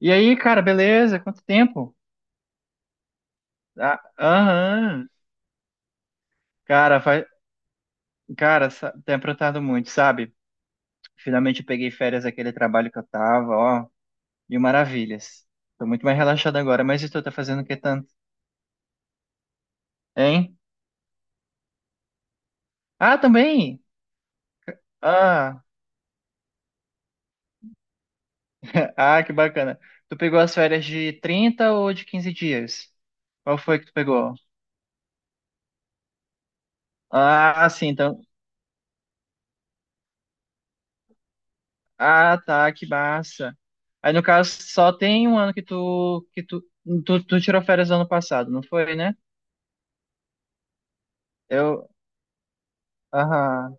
E aí, cara, beleza? Quanto tempo? Ah, aham. Cara, vai... cara, sa- Tem aprontado muito, sabe? Finalmente eu peguei férias daquele trabalho que eu tava, ó, mil maravilhas. Tô muito mais relaxado agora, mas e tu tá fazendo o que tanto? Hein? Ah, também? Ah, ah, que bacana. Tu pegou as férias de 30 ou de 15 dias? Qual foi que tu pegou? Ah, sim, então. Ah, tá, que massa. Aí no caso só tem um ano que tu tirou férias ano passado, não foi, né? Eu, aham.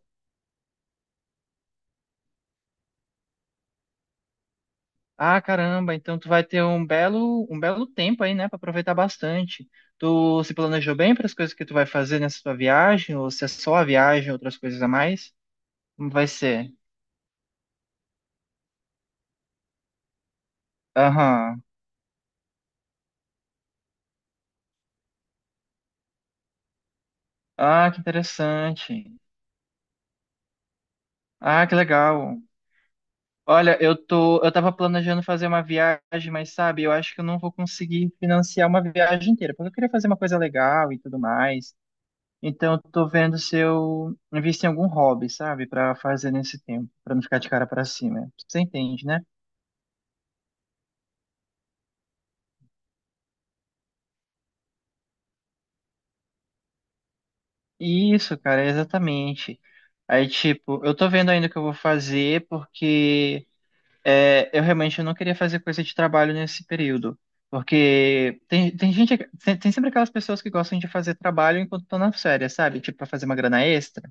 Ah, caramba, então tu vai ter um belo tempo aí, né, pra aproveitar bastante. Tu se planejou bem para as coisas que tu vai fazer nessa tua viagem ou se é só a viagem, outras coisas a mais? Como vai ser? Aham. Ah, que interessante. Ah, que legal. Olha, eu tava planejando fazer uma viagem, mas sabe, eu acho que eu não vou conseguir financiar uma viagem inteira, porque eu queria fazer uma coisa legal e tudo mais. Então, eu tô vendo se eu invisto em algum hobby, sabe, pra fazer nesse tempo, pra não ficar de cara pra cima. Você entende, né? Isso, cara, é exatamente. Aí, tipo, eu tô vendo ainda o que eu vou fazer, porque é, eu realmente não queria fazer coisa de trabalho nesse período, porque tem gente, tem sempre aquelas pessoas que gostam de fazer trabalho enquanto estão na férias, sabe? Tipo, pra fazer uma grana extra.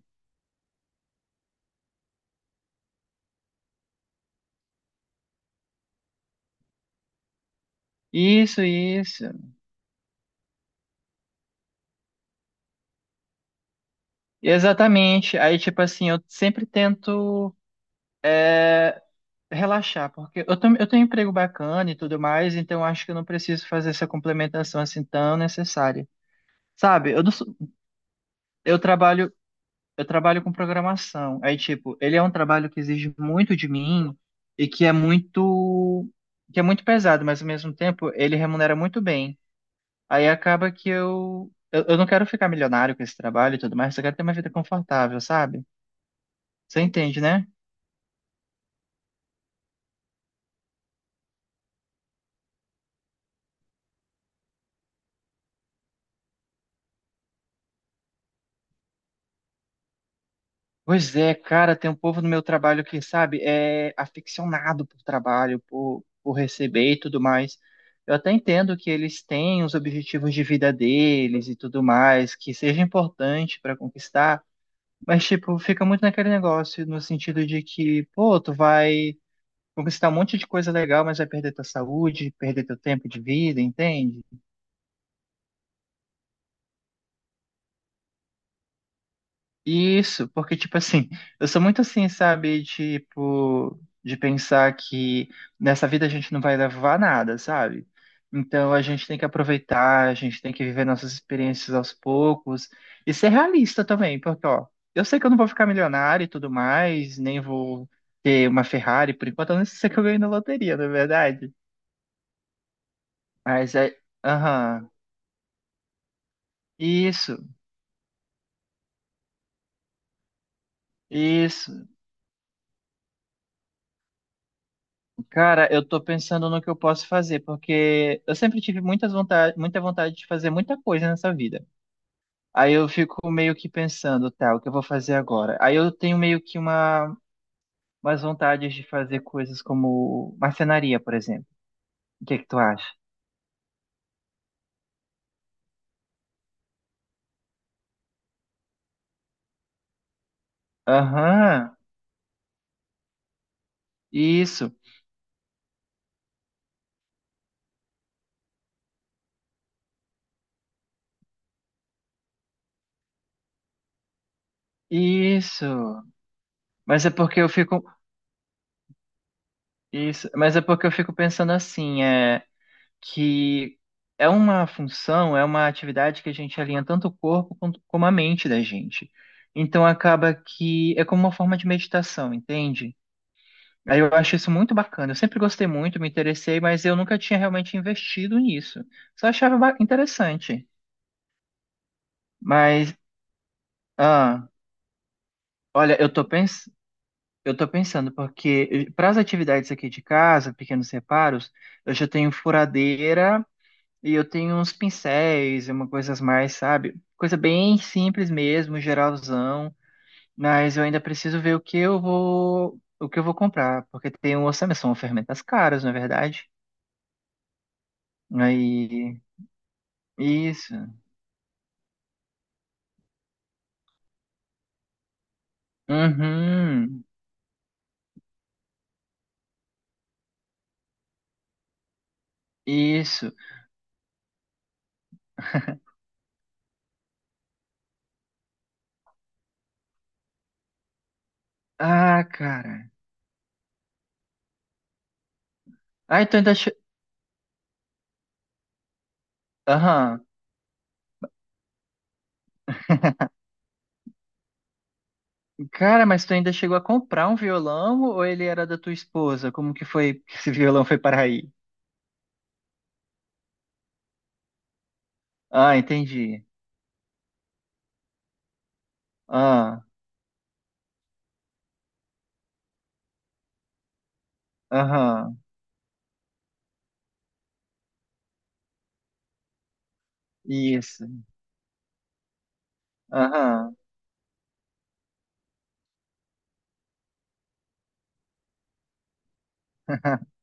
Isso, isso. Exatamente. Aí, tipo assim, eu sempre tento, é, relaxar, porque eu tenho um emprego bacana e tudo mais, então eu acho que eu não preciso fazer essa complementação assim tão necessária. Sabe, eu, não sou- eu trabalho, eu trabalho com programação. Aí, tipo, ele é um trabalho que exige muito de mim e que é muito pesado, mas ao mesmo tempo ele remunera muito bem. Aí acaba que eu não quero ficar milionário com esse trabalho e tudo mais, eu quero ter uma vida confortável, sabe? Você entende, né? Pois é, cara, tem um povo no meu trabalho que, sabe, é aficionado por trabalho, por receber e tudo mais. Eu até entendo que eles têm os objetivos de vida deles e tudo mais, que seja importante para conquistar, mas, tipo, fica muito naquele negócio, no sentido de que, pô, tu vai conquistar um monte de coisa legal, mas vai perder tua saúde, perder teu tempo de vida, entende? Isso, porque, tipo assim, eu sou muito assim, sabe? Tipo, de pensar que nessa vida a gente não vai levar nada, sabe? Então a gente tem que aproveitar, a gente tem que viver nossas experiências aos poucos e ser realista também, porque, ó, eu sei que eu não vou ficar milionário e tudo mais, nem vou ter uma Ferrari, por enquanto eu não sei que eu ganhei na loteria, não é verdade? Mas é. Aham. Isso, isso. Cara, eu tô pensando no que eu posso fazer, porque eu sempre tive muita vontade de fazer muita coisa nessa vida. Aí eu fico meio que pensando, tá, o que eu vou fazer agora? Aí eu tenho meio que umas vontades de fazer coisas como marcenaria, por exemplo. O que é que tu acha? Aham, isso, isso. Mas é porque eu fico, isso, mas é porque eu fico pensando assim, é. Que é uma atividade que a gente alinha tanto o corpo quanto, como a mente da gente. Então acaba que é como uma forma de meditação, entende? Aí eu acho isso muito bacana. Eu sempre gostei muito, me interessei, mas eu nunca tinha realmente investido nisso. Só achava interessante. Mas, ah, olha, eu tô pensando, porque para as atividades aqui de casa, pequenos reparos, eu já tenho furadeira e eu tenho uns pincéis e uma coisas mais, sabe? Coisa bem simples mesmo, geralzão, mas eu ainda preciso ver o que eu vou comprar, porque tem um orçamento, são ferramentas caras, na é verdade. Aí, isso. Uhum. Isso. Ah, cara. Ah, então ainda che... Aham. Cara, mas tu ainda chegou a comprar um violão ou ele era da tua esposa? Como que foi que esse violão foi para aí? Ah, entendi. Ah, aham. Isso. Aham.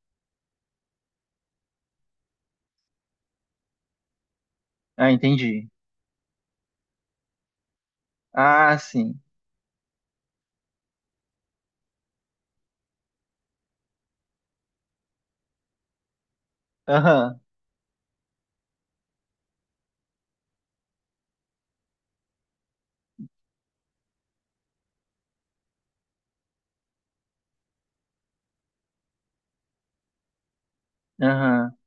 Ah, entendi. Ah, sim. Aham. Aham.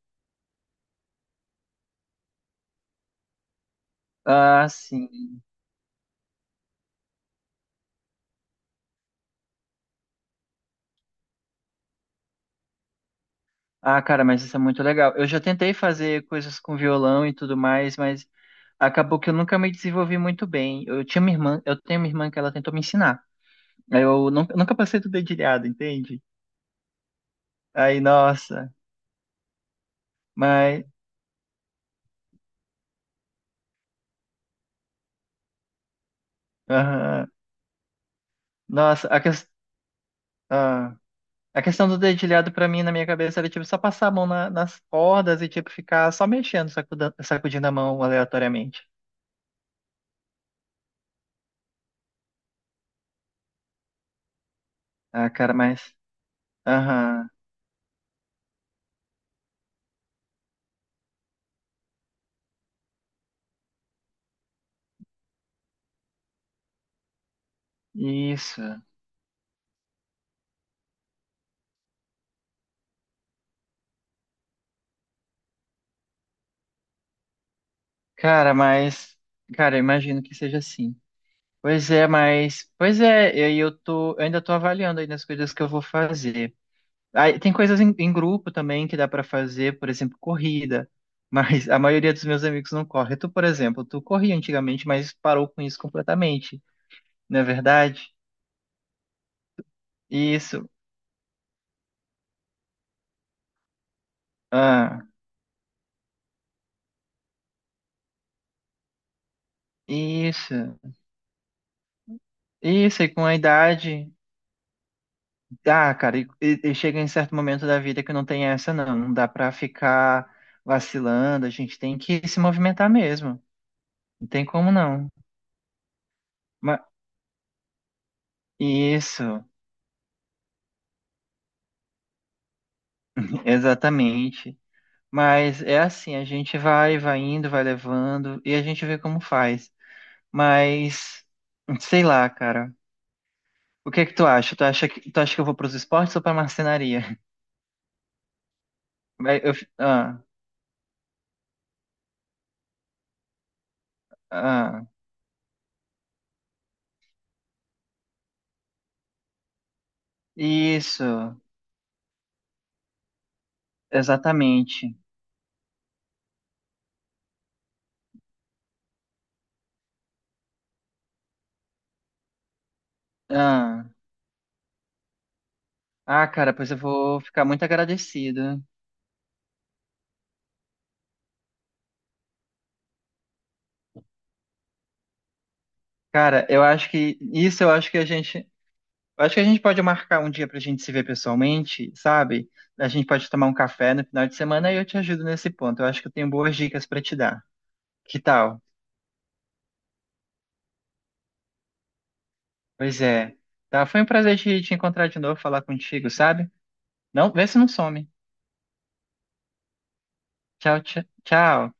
Ah, sim. Ah, cara, mas isso é muito legal. Eu já tentei fazer coisas com violão e tudo mais, mas acabou que eu nunca me desenvolvi muito bem. Eu tenho uma irmã que ela tentou me ensinar. Aí eu nunca, nunca passei do dedilhado, entende? Aí, nossa, mas aham. Nossa, ah, a questão do dedilhado pra mim na minha cabeça era tipo só passar a mão nas cordas e tipo ficar só mexendo, sacudindo a mão aleatoriamente. Ah, cara, mas. Aham, isso. Cara, mas. Cara, eu imagino que seja assim. Pois é, mas. Pois é, e aí eu ainda tô avaliando aí nas coisas que eu vou fazer. Aí, tem coisas em grupo também que dá pra fazer, por exemplo, corrida. Mas a maioria dos meus amigos não corre. Tu, por exemplo, tu corria antigamente, mas parou com isso completamente, não é verdade? Isso. Ah, isso. Isso, e com a idade. Dá, cara, e chega em certo momento da vida que não tem essa, não. Não dá pra ficar vacilando, a gente tem que se movimentar mesmo. Não tem como não. Ma- isso, exatamente. Mas é assim, a gente vai indo, vai levando e a gente vê como faz. Mas sei lá, cara. O que é que tu acha? Tu acha que eu vou pros esportes ou pra marcenaria? Vai, eu fi- ah, ah, Isso, exatamente. Ah. Ah, cara, pois eu vou ficar muito agradecido. Cara, eu acho que isso eu acho que a gente, eu acho que a gente pode marcar um dia pra gente se ver pessoalmente, sabe? A gente pode tomar um café no final de semana e eu te ajudo nesse ponto. Eu acho que eu tenho boas dicas pra te dar. Que tal? Pois é. Tá, foi um prazer te encontrar de novo, falar contigo, sabe? Não, vê se não some. Tchau, tchau, tchau.